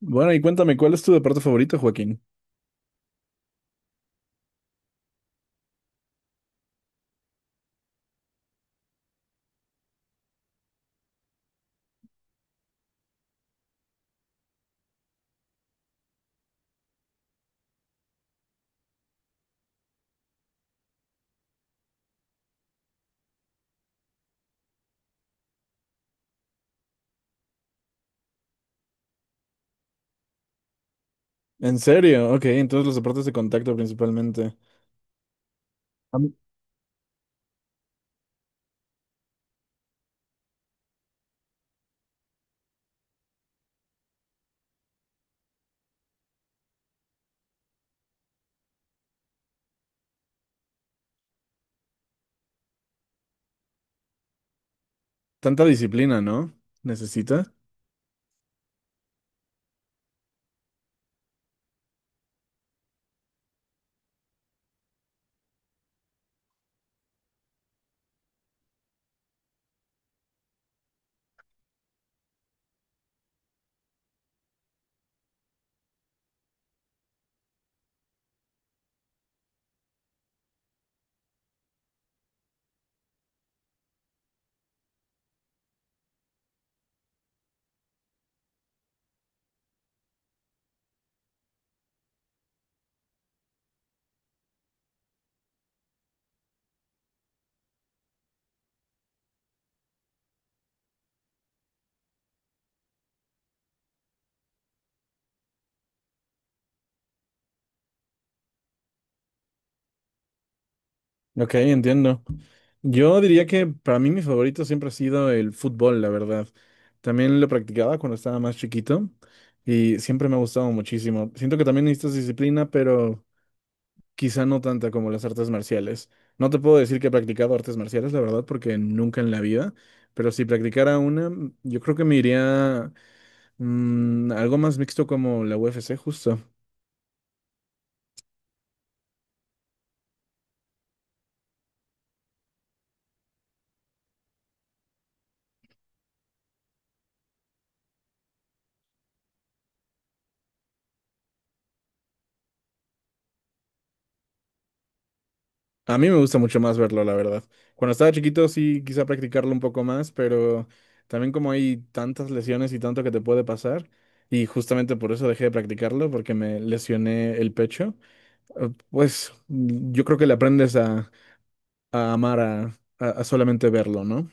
Bueno, y cuéntame, ¿cuál es tu deporte favorito, Joaquín? ¿En serio? Ok, entonces los deportes de contacto principalmente. Am- Tanta disciplina, ¿no? ¿Necesita? Ok, entiendo. Yo diría que para mí mi favorito siempre ha sido el fútbol, la verdad. También lo practicaba cuando estaba más chiquito y siempre me ha gustado muchísimo. Siento que también necesitas disciplina, pero quizá no tanta como las artes marciales. No te puedo decir que he practicado artes marciales, la verdad, porque nunca en la vida, pero si practicara una, yo creo que me iría... algo más mixto como la UFC, justo. A mí me gusta mucho más verlo, la verdad. Cuando estaba chiquito sí quise practicarlo un poco más, pero también como hay tantas lesiones y tanto que te puede pasar, y justamente por eso dejé de practicarlo, porque me lesioné el pecho, yo creo que le aprendes a amar a solamente verlo, ¿no?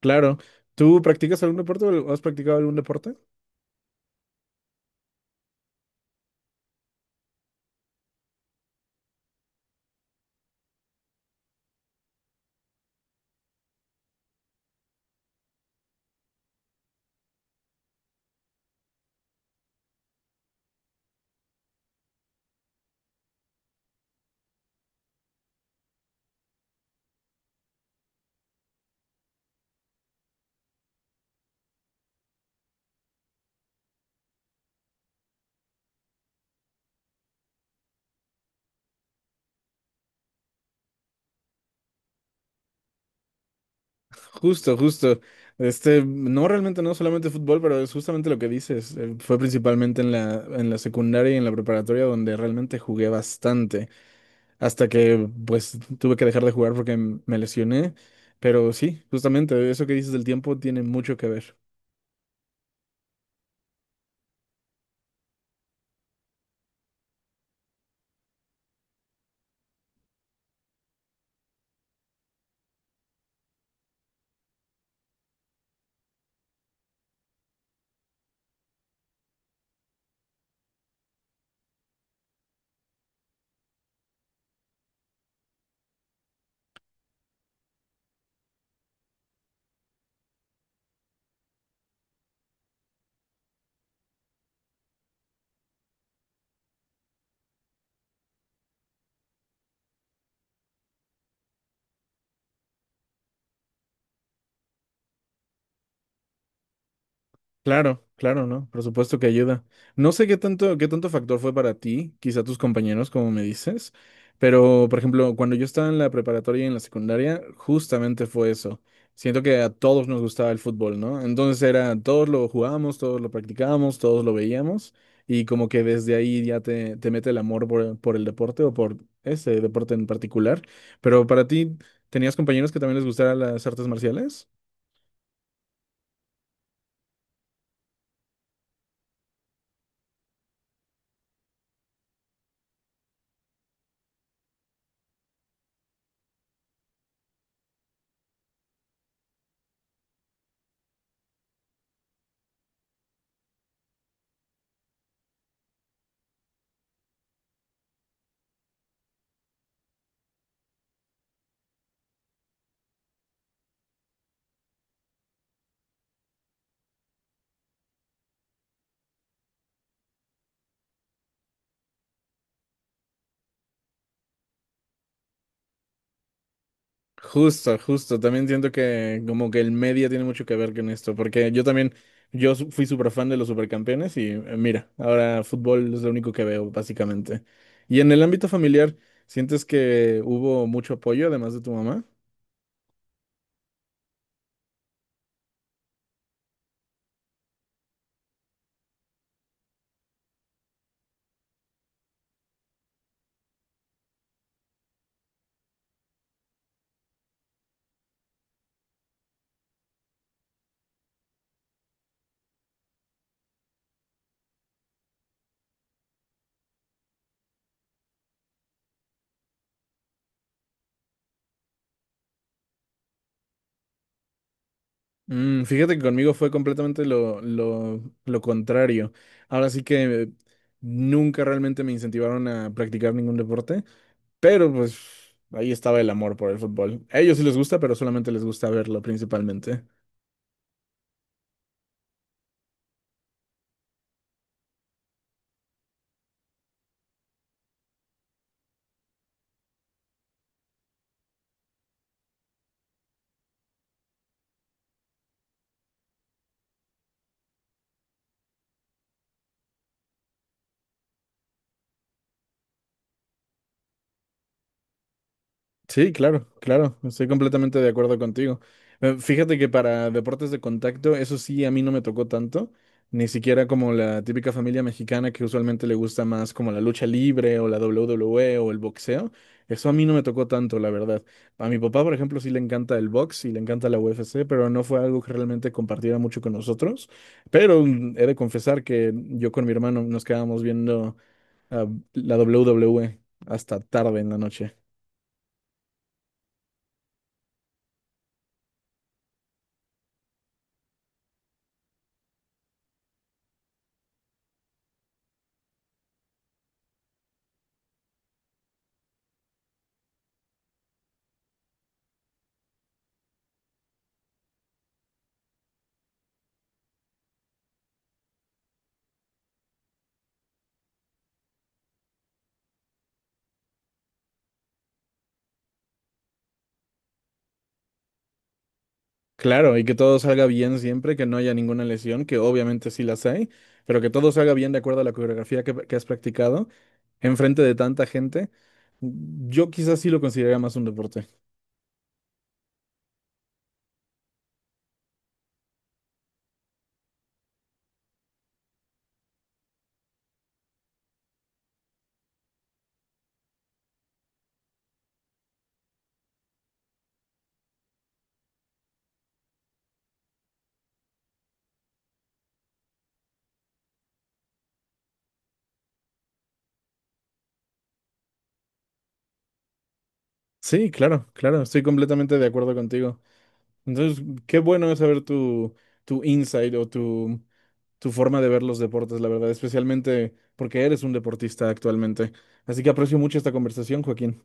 Claro. ¿Tú practicas algún deporte o has practicado algún deporte? Justo, justo. Este, no realmente, no solamente fútbol, pero es justamente lo que dices. Fue principalmente en en la secundaria y en la preparatoria donde realmente jugué bastante, hasta que pues tuve que dejar de jugar porque me lesioné. Pero sí, justamente eso que dices del tiempo tiene mucho que ver. Claro, claro, ¿no? Por supuesto que ayuda. No sé qué tanto factor fue para ti, quizá tus compañeros, como me dices, pero por ejemplo, cuando yo estaba en la preparatoria y en la secundaria, justamente fue eso. Siento que a todos nos gustaba el fútbol, ¿no? Entonces era, todos lo jugábamos, todos lo practicábamos, todos lo veíamos, y como que desde ahí ya te mete el amor por el deporte o por ese deporte en particular. Pero para ti, ¿tenías compañeros que también les gustaran las artes marciales? Justo, justo. También siento que como que el media tiene mucho que ver con esto, porque yo también, fui súper fan de los supercampeones y mira, ahora fútbol es lo único que veo, básicamente. Y en el ámbito familiar, ¿sientes que hubo mucho apoyo además de tu mamá? Fíjate que conmigo fue completamente lo contrario. Ahora sí que nunca realmente me incentivaron a practicar ningún deporte, pero pues ahí estaba el amor por el fútbol. A ellos sí les gusta, pero solamente les gusta verlo principalmente. Sí, claro, claro, estoy completamente de acuerdo contigo. Fíjate que para deportes de contacto, eso sí, a mí no me tocó tanto, ni siquiera como la típica familia mexicana que usualmente le gusta más como la lucha libre o la WWE o el boxeo. Eso a mí no me tocó tanto, la verdad. A mi papá, por ejemplo, sí le encanta el box y le encanta la UFC, pero no fue algo que realmente compartiera mucho con nosotros. Pero he de confesar que yo con mi hermano nos quedábamos viendo ah, la WWE hasta tarde en la noche. Claro, y que todo salga bien siempre, que no haya ninguna lesión, que obviamente sí las hay, pero que todo salga bien de acuerdo a la coreografía que has practicado enfrente de tanta gente. Yo quizás sí lo consideraría más un deporte. Sí, claro, claro, estoy completamente de acuerdo contigo. Entonces, qué bueno es saber tu insight o tu forma de ver los deportes, la verdad, especialmente porque eres un deportista actualmente. Así que aprecio mucho esta conversación, Joaquín.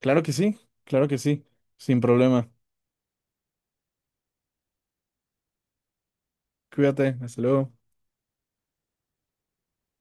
Claro que sí, claro que sí, sin problema. Cuídate, hasta luego.